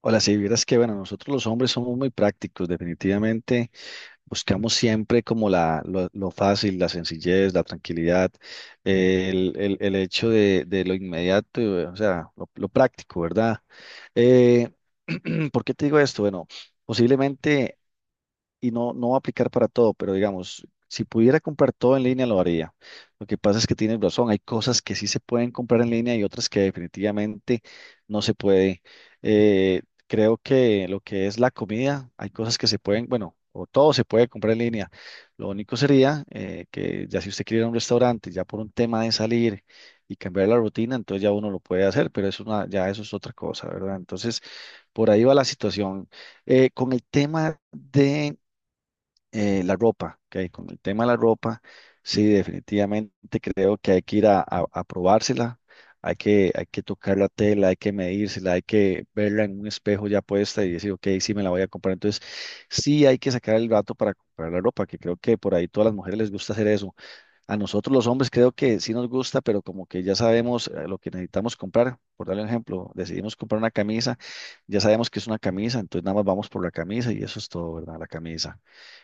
Hola, si vieras que, bueno, nosotros los hombres somos muy prácticos. Definitivamente buscamos siempre como lo fácil, la sencillez, la tranquilidad, el hecho de lo inmediato, o sea, lo práctico, ¿verdad? Eh, ¿Por qué te digo esto? Bueno, posiblemente y no va a aplicar para todo, pero digamos, si pudiera comprar todo en línea lo haría. Lo que pasa es que tienes razón, hay cosas que sí se pueden comprar en línea y otras que definitivamente no se puede. Creo que lo que es la comida, hay cosas que se pueden, bueno, o todo se puede comprar en línea. Lo único sería que ya si usted quiere ir a un restaurante, ya por un tema de salir y cambiar la rutina, entonces ya uno lo puede hacer, pero eso, ya eso es otra cosa, ¿verdad? Entonces, por ahí va la situación. Con el tema de la ropa, ¿ok? Con el tema de la ropa, sí, definitivamente creo que hay que ir a probársela, hay que tocar la tela, hay que medírsela, hay que verla en un espejo ya puesta y decir, ok, sí me la voy a comprar. Entonces, sí hay que sacar el gato para comprar la ropa, que creo que por ahí todas las mujeres les gusta hacer eso. A nosotros los hombres creo que sí nos gusta, pero como que ya sabemos lo que necesitamos comprar. Por darle un ejemplo, decidimos comprar una camisa, ya sabemos que es una camisa, entonces nada más vamos por la camisa y eso es todo, ¿verdad? La camisa.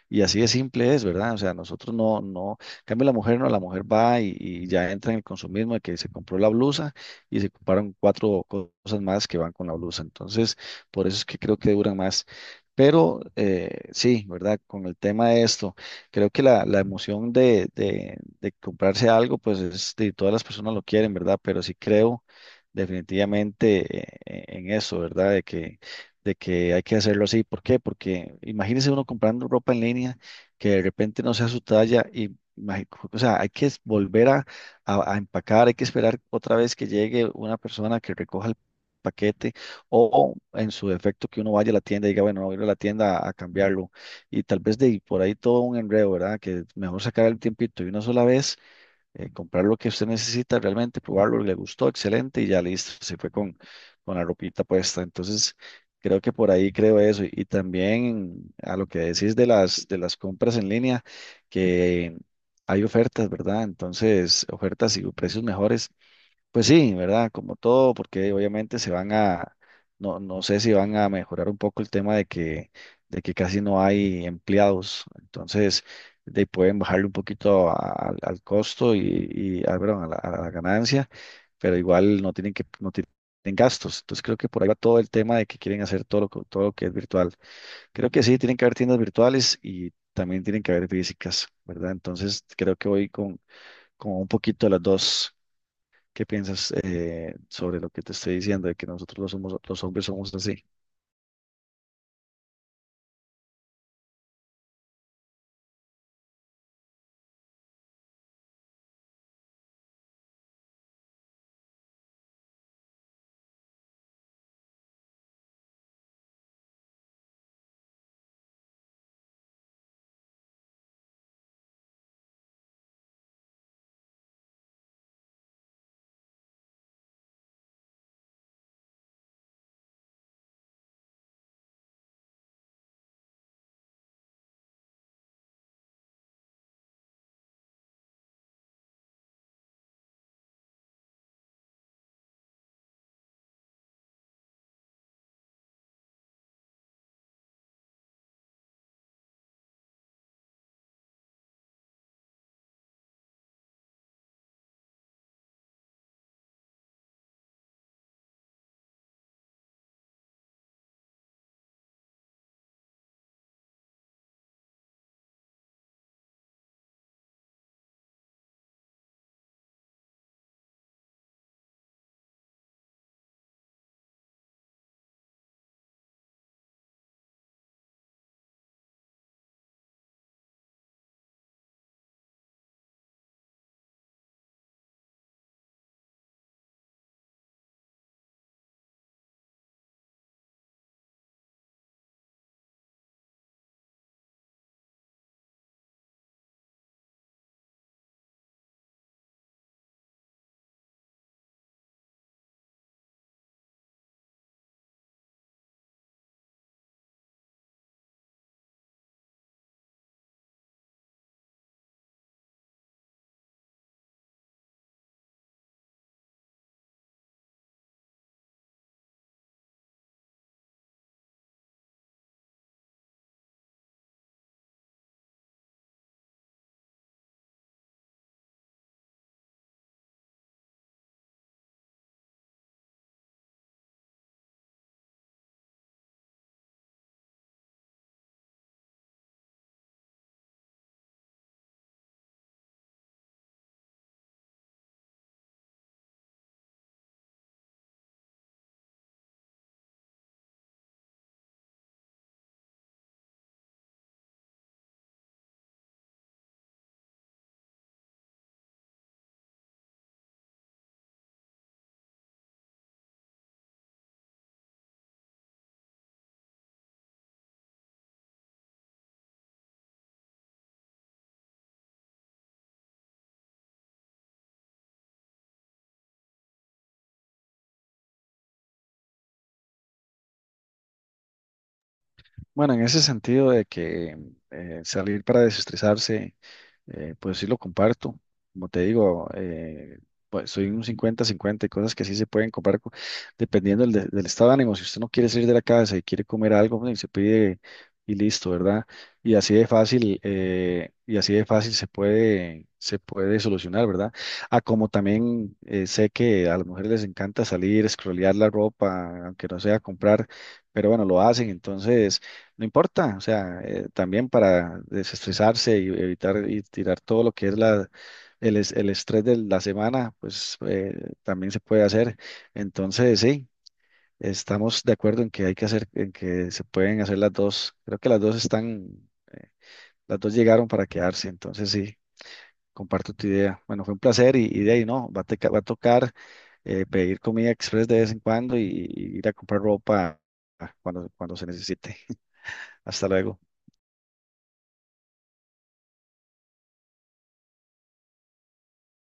Y así de simple es, ¿verdad? O sea, nosotros no, no, en cambio la mujer no, la mujer va y ya entra en el consumismo de que se compró la blusa y se compraron cuatro cosas más que van con la blusa. Entonces, por eso es que creo que duran más. Pero sí, ¿verdad? Con el tema de esto, creo que la emoción de comprarse algo, pues es de todas las personas, lo quieren, ¿verdad? Pero sí creo definitivamente, en eso, ¿verdad? De que hay que hacerlo así. ¿Por qué? Porque imagínese uno comprando ropa en línea que de repente no sea su talla y, imagi- o sea, hay que volver a, a empacar, hay que esperar otra vez que llegue una persona que recoja el paquete o, en su defecto, que uno vaya a la tienda y diga, bueno, voy a ir a la tienda a cambiarlo. Y tal vez por ahí todo un enredo, ¿verdad? Que mejor sacar el tiempito de una sola vez, comprar lo que usted necesita realmente, probarlo, le gustó, excelente, y ya listo, se fue con la ropita puesta. Entonces, creo que por ahí creo eso. Y también a lo que decís de de las compras en línea, que hay ofertas, ¿verdad? Entonces, ofertas y precios mejores. Pues sí, ¿verdad? Como todo, porque obviamente se van a, no sé si van a mejorar un poco el tema de de que casi no hay empleados. Entonces, de, ahí pueden bajarle un poquito al costo y ah, perdón, a a la ganancia, pero igual no tienen gastos. Entonces, creo que por ahí va todo el tema de que quieren hacer todo todo lo que es virtual. Creo que sí, tienen que haber tiendas virtuales y también tienen que haber físicas, ¿verdad? Entonces, creo que voy con un poquito de las dos. ¿Qué piensas, sobre lo que te estoy diciendo, de que nosotros los hombres somos así? Bueno, en ese sentido de que salir para desestresarse, pues sí lo comparto. Como te digo, pues soy un 50-50, hay cosas que sí se pueden comprar dependiendo del estado de ánimo. Si usted no quiere salir de la casa y quiere comer algo, bueno, y se pide y listo, ¿verdad? Y así de fácil, y así de fácil se puede solucionar, ¿verdad? Ah, como también sé que a las mujeres les encanta salir, escrolear la ropa, aunque no sea comprar, pero bueno, lo hacen, entonces... No importa, o sea, también para desestresarse y evitar y tirar todo lo que es el estrés de la semana, pues también se puede hacer. Entonces, sí, estamos de acuerdo en que se pueden hacer las dos. Creo que las dos están, las dos llegaron para quedarse. Entonces, sí, comparto tu idea. Bueno, fue un placer y de ahí no, va a tocar pedir comida express de vez en cuando y ir a comprar ropa ah, cuando, cuando se necesite. Hasta luego.